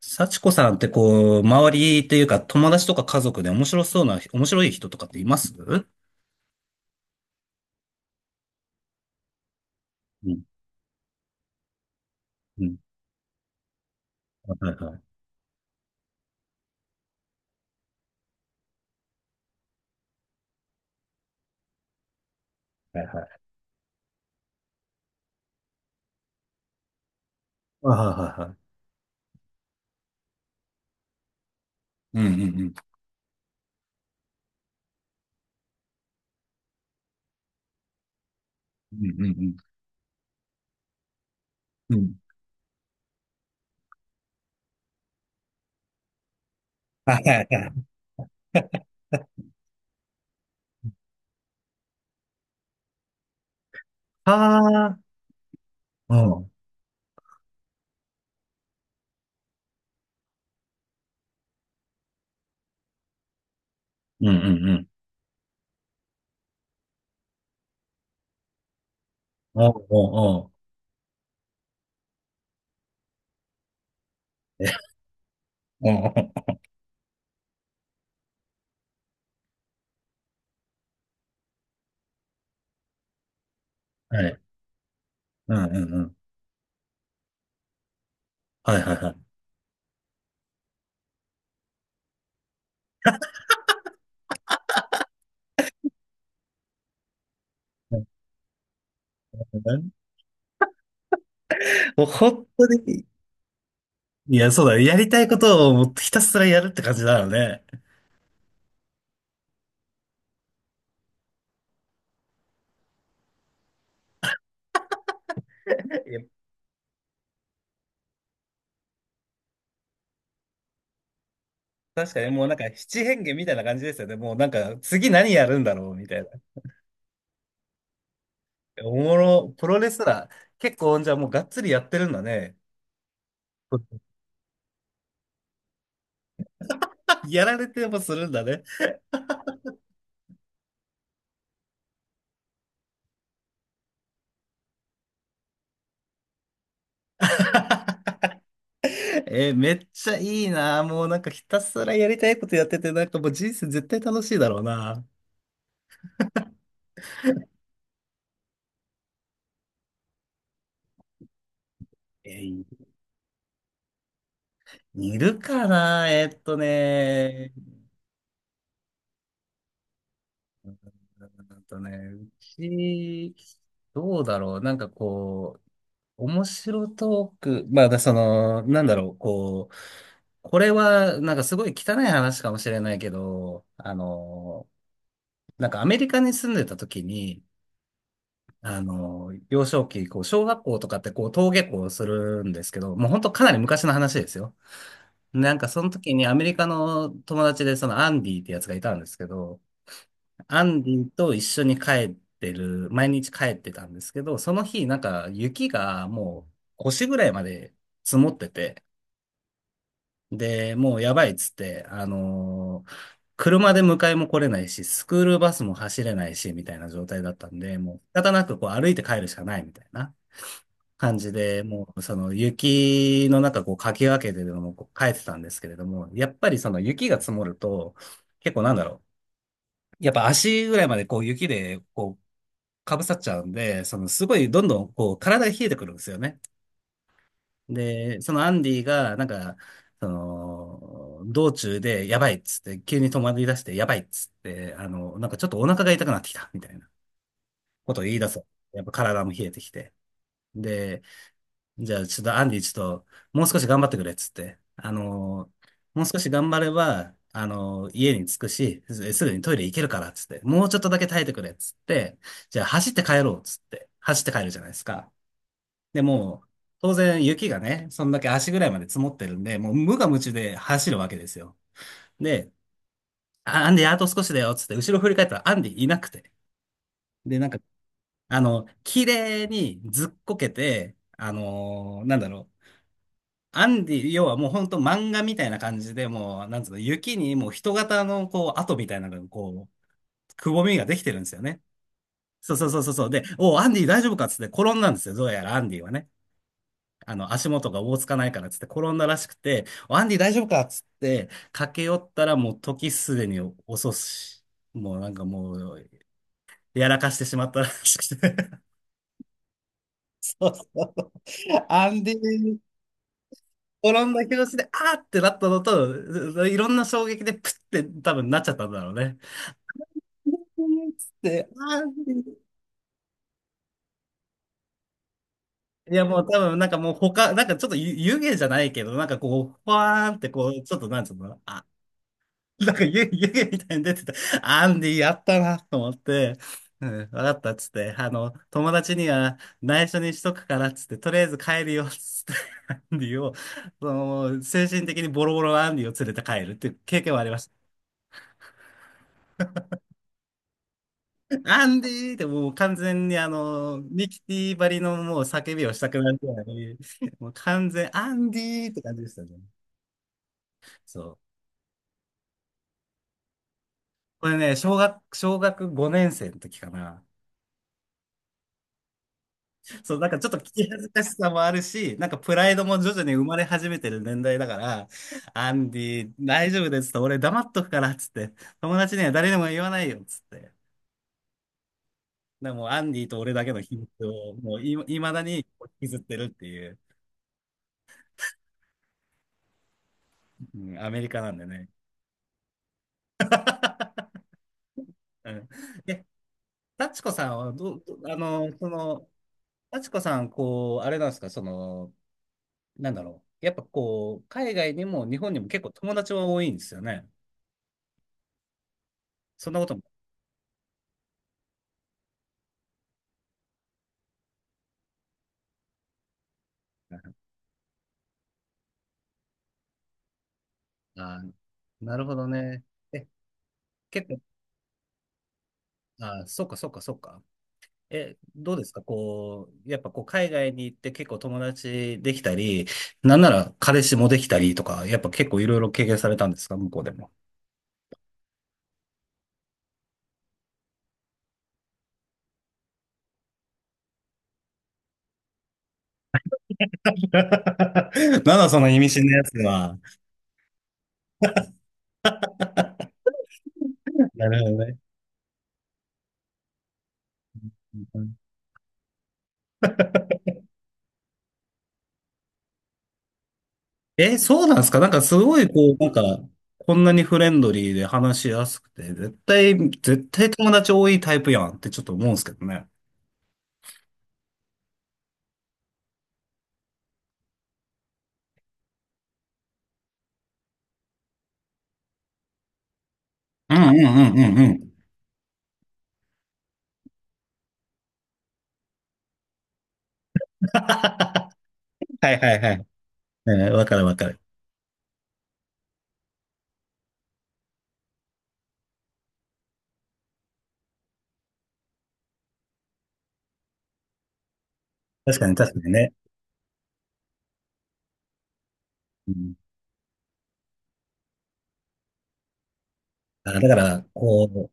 幸子さんってこう、周りというか友達とか家族で面白そうな、面白い人とかっています？うんうん。はいはい。はいはい。はいはいはい。うんうんうん。うんうんうん。うん。はあ。うん。うんうんうん。おうおうおう。え、おうおう。はい。うんうんうん。はいはいはい。もう本当に、いや、そうだね。やりたいことをもうひたすらやるって感じだよね。いや、確かにもうなんか七変化みたいな感じですよね。もうなんか次何やるんだろうみたいな。おもろ、プロレスラー、結構じゃあもうがっつりやってるんだね。やられてもするんだね。めっちゃいいな。もうなんかひたすらやりたいことやってて、なんかもう人生絶対楽しいだろうな。えーいるかな。あとね、うち、どうだろう。なんかこう、面白トーク。まあ、だその、なんだろう。こう、これは、なんかすごい汚い話かもしれないけど、なんかアメリカに住んでた時に、幼少期、こう、小学校とかってこう、登下校するんですけど、もう本当かなり昔の話ですよ。なんかその時にアメリカの友達でそのアンディってやつがいたんですけど、アンディと一緒に帰ってる、毎日帰ってたんですけど、その日なんか雪がもう腰ぐらいまで積もってて、で、もうやばいっつって、車で迎えも来れないし、スクールバスも走れないし、みたいな状態だったんで、もう仕方なくこう歩いて帰るしかないみたいな感じで、もうその雪の中こうかき分けてでもこう帰ってたんですけれども、やっぱりその雪が積もると、結構なんだろう。やっぱ足ぐらいまでこう雪でこうかぶさっちゃうんで、そのすごいどんどんこう体が冷えてくるんですよね。で、そのアンディが、なんか、その、道中でやばいっつって、急に止まり出してやばいっつって、なんかちょっとお腹が痛くなってきた、みたいなことを言い出そう。やっぱ体も冷えてきて。で、じゃあちょっとアンディちょっと、もう少し頑張ってくれっつって、もう少し頑張れば、家に着くし、すぐにトイレ行けるからっつって、もうちょっとだけ耐えてくれっつって、じゃあ走って帰ろうっつって、走って帰るじゃないですか。で、もう、当然雪がね、そんだけ足ぐらいまで積もってるんで、もう無我夢中で走るわけですよ。で、アンディ、あと少しだよ、つって、後ろ振り返ったらアンディいなくて。で、なんか、綺麗にずっこけて、なんだろう。アンディ、要はもうほんと漫画みたいな感じで、もう、なんつうの、雪にもう人型のこう、跡みたいなのがこう、くぼみができてるんですよね。そうそうそうそうそう。で、おう、アンディ大丈夫かっつって転んだんですよ。どうやらアンディはね。足元がおぼつかないからっつって転んだらしくて、アンディ大丈夫かっつって駆け寄ったらもう時すでに遅し、もうなんかもう、やらかしてしまったらしくて。そうそうそう。アンディ、転んだ拍子で、あーってなったのと、いろんな衝撃でプッて多分なっちゃったんだろうね。つって、あー、いやもう多分なんかもう他、なんかちょっと湯湯気じゃないけど、なんかこう、ファーンってこう、ちょっとなんつうの、あ、なんか湯湯気みたいに出てた。アンディやったなと思って、うん、わかったっつって、友達には内緒にしとくからっつって、とりあえず帰るよっつって、アンディを、その、精神的にボロボロのアンディを連れて帰るっていう経験はありました。アンディーってもう完全にミキティばりのもう叫びをしたくなるぐらい、もう完全、アンディーって感じでしたね。そう。これね、小学5年生の時かな。そう、なんかちょっと聞き恥ずかしさもあるし、なんかプライドも徐々に生まれ始めてる年代だから、アンディ、大丈夫ですと、俺黙っとくから、つって、友達には誰にも言わないよ、つって。でもうアンディと俺だけの秘密を、もうい、いまだに引きずってるっていう、うん、アメリカなんでね。うん。え、幸子さんはど、ど、あの、その、幸子さん、こう、あれなんですか、その、なんだろう。やっぱこう、海外にも日本にも結構友達は多いんですよね。そんなことも。あー、なるほどね。え、結構、あー、そうか、そうか、そうか。え、どうですかこう、やっぱこう、海外に行って結構友達できたり、なんなら彼氏もできたりとか、やっぱ結構いろいろ経験されたんですか向こうでも？なんだその意味深なやつは。なるほどね。うん。え、そうなんですか？なんかすごいこう、なんか、こんなにフレンドリーで話しやすくて、絶対、絶対友達多いタイプやんってちょっと思うんですけどね。うんうんうんうん。はいはいはい。うん、わかるわかる。確かに確かにね。うん、あ、だから、こ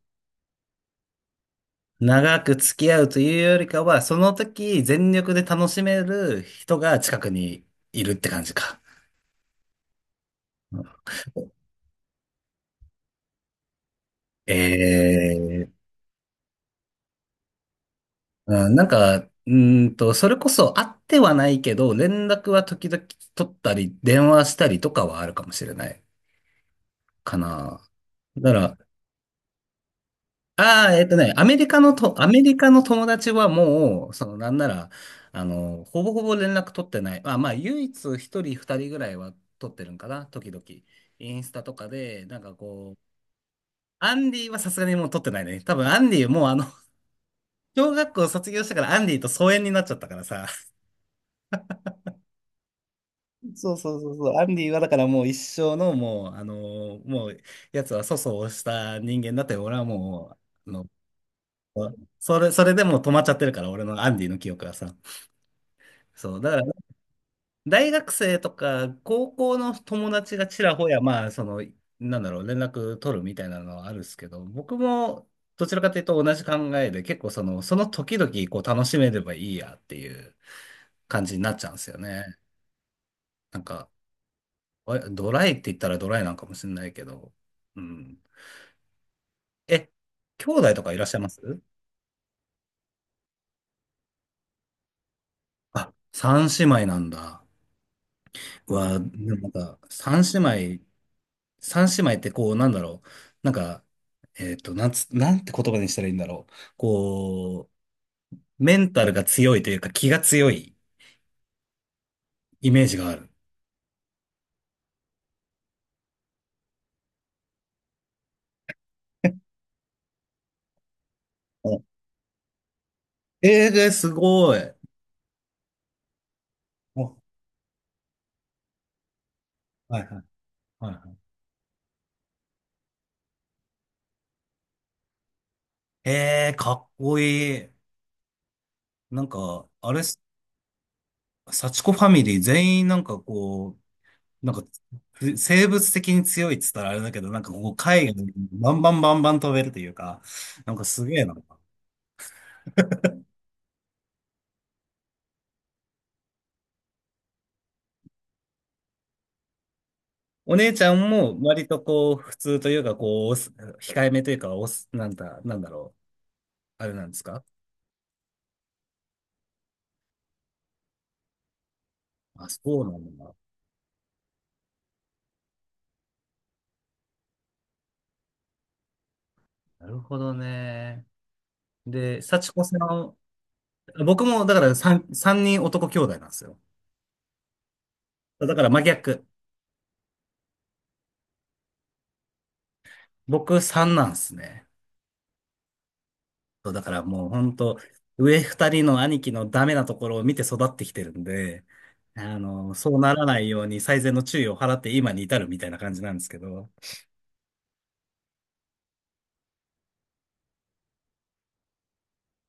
う、長く付き合うというよりかは、その時全力で楽しめる人が近くにいるって感じか。ええ。うん。なんか、それこそ会ってはないけど、連絡は時々取ったり、電話したりとかはあるかもしれないかな。だから、ああ、アメリカの友達はもう、その、なんなら、ほぼほぼ連絡取ってない。まあ、まあ、唯一一人二人ぐらいは取ってるんかな、時々。インスタとかで、なんかこう、アンディはさすがにもう取ってないね。多分アンディもうあの、小学校卒業したからアンディと疎遠になっちゃったからさ。そうそうそうそう。アンディはだからもう一生のもう、あの、もう、やつは粗相をした人間だって、俺はもう、あの、それでもう止まっちゃってるから、俺のアンディの記憶はさ。そう、だから大学生とか高校の友達がちらほや、まあ、その、なんだろう、連絡取るみたいなのはあるんですけど、僕もどちらかというと同じ考えで、結構その時々こう楽しめればいいやっていう感じになっちゃうんですよね。なんか、ドライって言ったらドライなんかもしれないけど、うん。え、兄弟とかいらっしゃいます？あ、三姉妹なんだ。でもなんか、三姉妹三姉妹ってこう、なんだろう。なんか、なんて言葉にしたらいいんだろう。こう、メンタルが強いというか気が強いイメージがある。お、えー、すごい。お、はいはいはいはい。えー、かっこいい。なんか、あれ幸子ファミリー全員なんかこう、なんか、生物的に強いっつったらあれだけど、なんかこう、海外にバンバンバンバン飛べるというか、なんかすげえな。お姉ちゃんも割とこう、普通というか、こう、控えめというか、おす、なんだ、なんだろう、あれなんですか？あ、そうなんだ。なるほどね。で、幸子さん、僕もだから三人男兄弟なんですよ。だから真逆。僕三なんですね。そうだからもう本当上二人の兄貴のダメなところを見て育ってきてるんで、そうならないように最善の注意を払って今に至るみたいな感じなんですけど。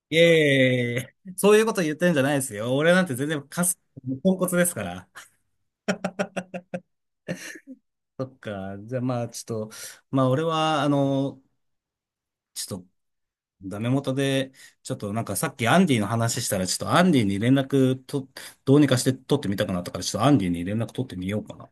いやいやいやいや、そういうこと言ってるんじゃないですよ。俺なんて全然カス、ポンコツですから。そっか。じゃあまあちょっと、まあ俺は、ちょっとダメ元で、ちょっとなんかさっきアンディの話したら、ちょっとアンディに連絡と、どうにかして取ってみたくなったから、ちょっとアンディに連絡取ってみようかな。